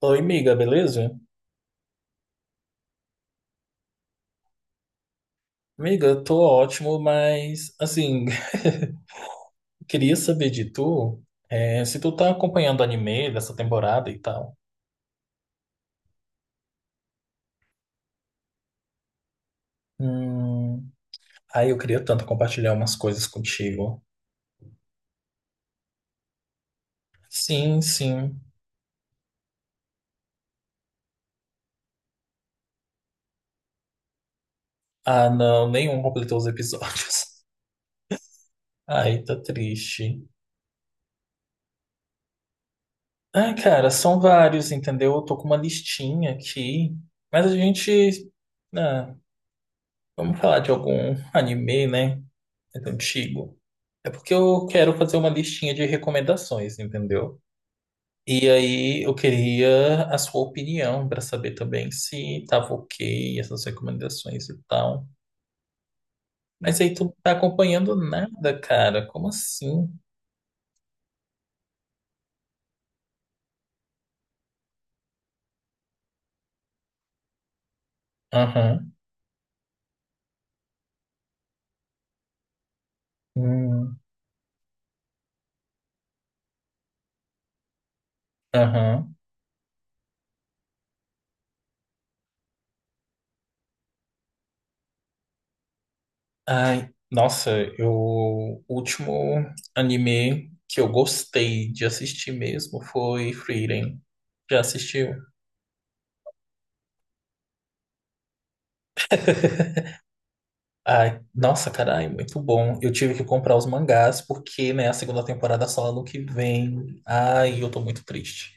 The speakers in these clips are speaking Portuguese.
Oi, miga, beleza? Miga, eu tô ótimo, mas assim, queria saber de tu, se tu tá acompanhando o anime dessa temporada e tal. Hum, aí eu queria tanto compartilhar umas coisas contigo. Sim, sim. Ah, não, nenhum completou os episódios. Ai, tá triste. Ah, cara, são vários, entendeu? Eu tô com uma listinha aqui, mas ah, vamos falar de algum anime, né? Antigo. É porque eu quero fazer uma listinha de recomendações, entendeu? E aí eu queria a sua opinião para saber também se tava ok essas recomendações e tal. Mas aí tu não tá acompanhando nada, cara. Como assim? Aham. Hum. Aham. Ai, nossa, eu o último anime que eu gostei de assistir mesmo foi Frieren. Já assistiu? Ai, nossa, carai, muito bom. Eu tive que comprar os mangás porque, né, a segunda temporada só ano que vem. Ai, eu tô muito triste.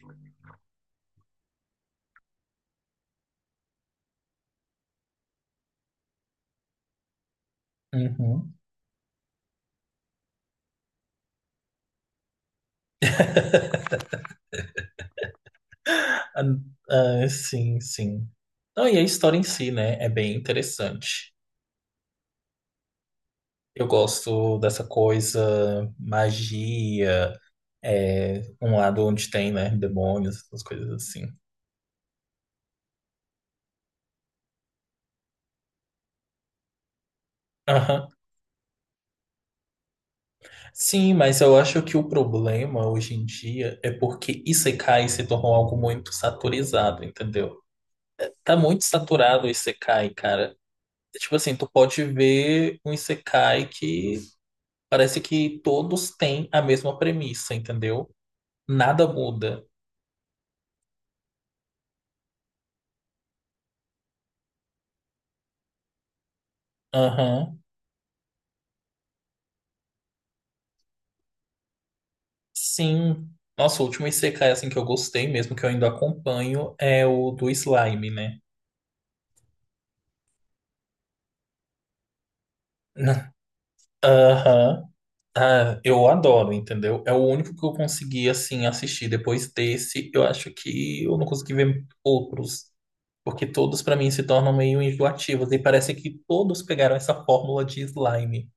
Uhum. Ah, ah, sim, sim. Não, e a história em si, né, é bem interessante. Eu gosto dessa coisa, magia, um lado onde tem, né, demônios, essas coisas assim. Aham. Sim, mas eu acho que o problema hoje em dia é porque Isekai se tornou algo muito saturizado, entendeu? Tá muito saturado o Isekai, cara. É. Tipo assim, tu pode ver um Isekai que parece que todos têm a mesma premissa, entendeu? Nada muda. Aham. Sim. Nossa, o último Isekai assim que eu gostei mesmo, que eu ainda acompanho, é o do slime, né? Aham. Ah, eu adoro, entendeu? É o único que eu consegui assim assistir. Depois desse, eu acho que eu não consegui ver outros. Porque todos, pra mim, se tornam meio enjoativos. E parece que todos pegaram essa fórmula de slime.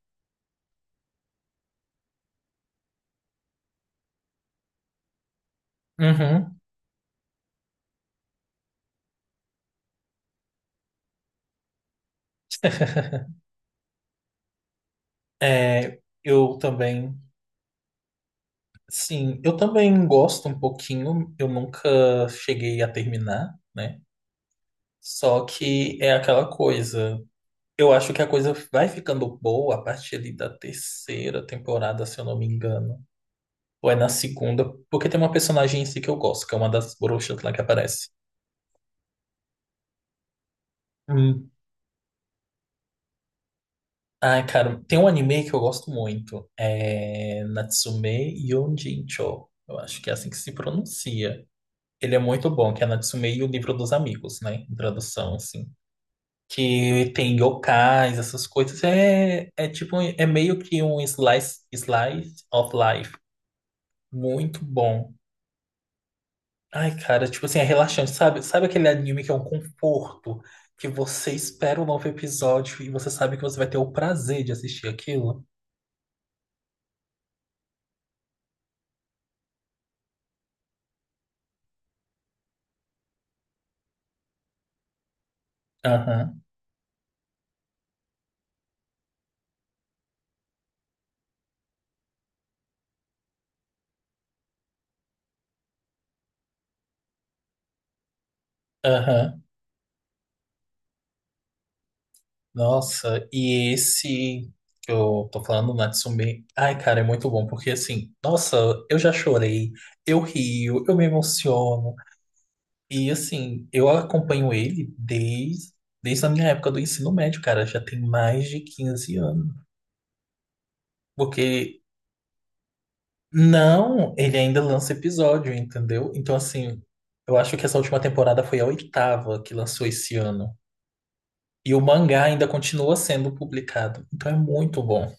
Uhum. É, eu também. Sim, eu também gosto um pouquinho. Eu nunca cheguei a terminar, né? Só que é aquela coisa. Eu acho que a coisa vai ficando boa a partir ali da terceira temporada, se eu não me engano. Ou é na segunda, porque tem uma personagem em si que eu gosto, que é uma das bruxas lá que aparece. Ai, cara, tem um anime que eu gosto muito. É Natsume Yonjincho. Eu acho que é assim que se pronuncia. Ele é muito bom, que é Natsume e o Livro dos Amigos, né? Em tradução, assim. Que tem yokais, essas coisas. É tipo, é meio que um slice of life. Muito bom. Ai, cara, tipo assim, é relaxante, sabe? Sabe aquele anime que é um conforto? Que você espera um novo episódio e você sabe que você vai ter o prazer de assistir aquilo? Aham. Aham. Nossa, e esse que eu tô falando, Natsume, ai, cara, é muito bom, porque assim, nossa, eu já chorei, eu rio, eu me emociono, e assim, eu acompanho ele desde a minha época do ensino médio, cara, já tem mais de 15 anos. Porque não, ele ainda lança episódio, entendeu? Então, assim, eu acho que essa última temporada foi a oitava que lançou esse ano. E o mangá ainda continua sendo publicado, então é muito bom.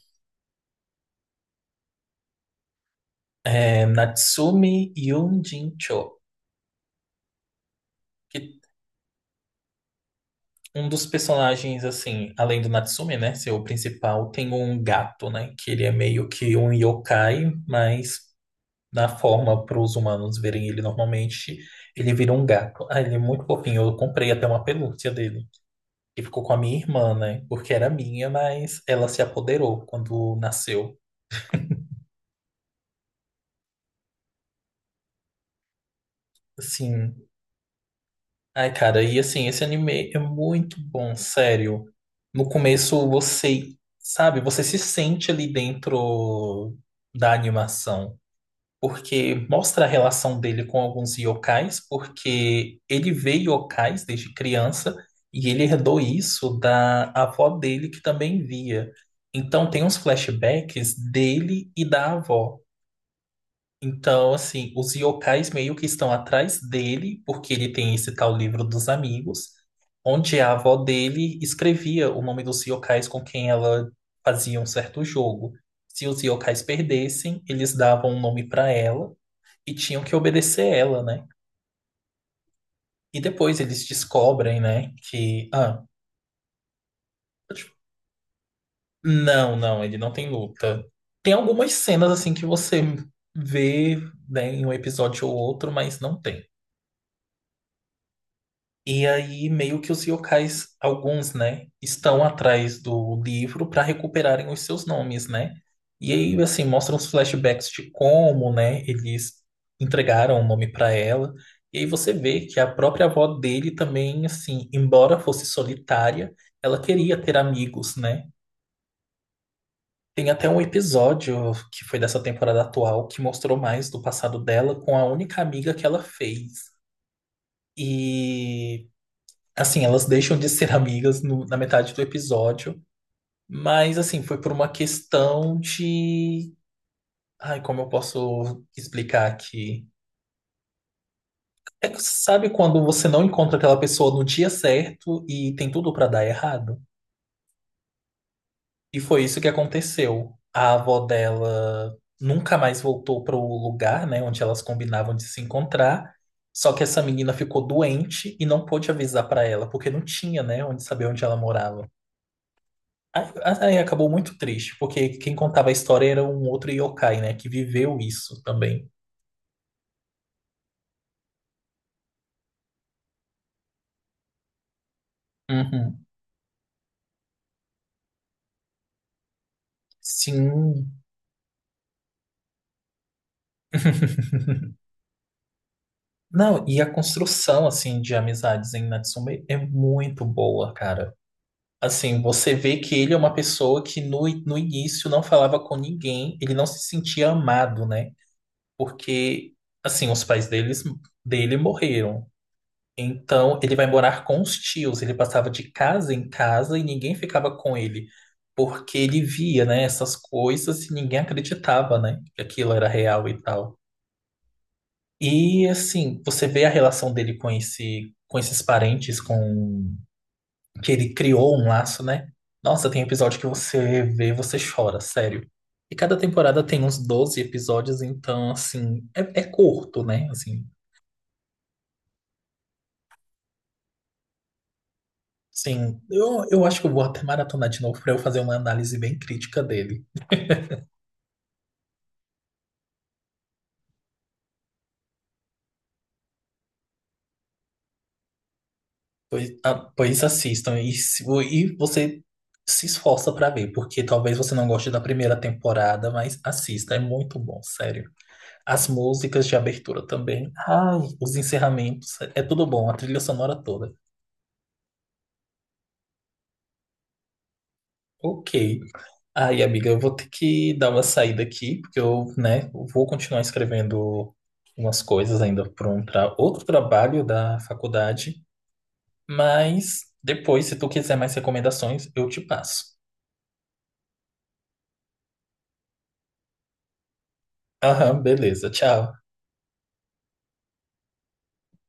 É, Natsume Yonjincho, que um dos personagens, assim, além do Natsume, né, ser o principal, tem um gato, né, que ele é meio que um yokai, mas na forma para os humanos verem ele normalmente, ele vira um gato. Ah, ele é muito fofinho, eu comprei até uma pelúcia dele, que ficou com a minha irmã, né, porque era minha, mas ela se apoderou quando nasceu. Assim, ai, cara, e assim, esse anime é muito bom, sério. No começo você, sabe, você se sente ali dentro da animação, porque mostra a relação dele com alguns yokais, porque ele vê yokais desde criança e ele herdou isso da avó dele que também via. Então tem uns flashbacks dele e da avó. Então, assim, os yokais meio que estão atrás dele, porque ele tem esse tal livro dos amigos, onde a avó dele escrevia o nome dos yokais com quem ela fazia um certo jogo. Se os yokais perdessem, eles davam um nome para ela e tinham que obedecer ela, né? E depois eles descobrem, né, que... Ah, pode- não, não, ele não tem luta. Tem algumas cenas, assim, que você vê, né, em um episódio ou outro, mas não tem. E aí, meio que os yokais, alguns, né, estão atrás do livro para recuperarem os seus nomes, né? E aí, assim, mostram os flashbacks de como, né, eles entregaram o nome para ela. E aí você vê que a própria avó dele também, assim, embora fosse solitária, ela queria ter amigos, né? Tem até um episódio que foi dessa temporada atual que mostrou mais do passado dela com a única amiga que ela fez. E assim, elas deixam de ser amigas na metade do episódio, mas assim, foi por uma questão de. Ai, como eu posso explicar aqui? É que sabe quando você não encontra aquela pessoa no dia certo e tem tudo pra dar errado? E foi isso que aconteceu. A avó dela nunca mais voltou pro lugar, né, onde elas combinavam de se encontrar. Só que essa menina ficou doente e não pôde avisar pra ela, porque não tinha, né, onde saber onde ela morava. Aí, aí acabou muito triste, porque quem contava a história era um outro yokai, né? Que viveu isso também. Uhum. Sim. Não, e a construção, assim, de amizades em Natsume é muito boa, cara. Assim, você vê que ele é uma pessoa que no início não falava com ninguém, ele não se sentia amado, né? Porque, assim, dele morreram. Então, ele vai morar com os tios. Ele passava de casa em casa e ninguém ficava com ele, porque ele via, né, essas coisas e ninguém acreditava, né, que aquilo era real e tal. E assim, você vê a relação dele com com esses parentes, com que ele criou um laço, né? Nossa, tem episódio que você vê, você chora, sério. E cada temporada tem uns 12 episódios, então assim, é curto, né? Assim, sim, eu acho que eu vou até maratonar de novo para eu fazer uma análise bem crítica dele. Pois, ah, pois assistam e você se esforça para ver, porque talvez você não goste da primeira temporada, mas assista, é muito bom, sério. As músicas de abertura também, ai, os encerramentos, é tudo bom, a trilha sonora toda. Ok. Aí, amiga, eu vou ter que dar uma saída aqui, porque eu, né, vou continuar escrevendo umas coisas ainda para outro trabalho da faculdade. Mas depois, se tu quiser mais recomendações, eu te passo. Aham, beleza. Tchau.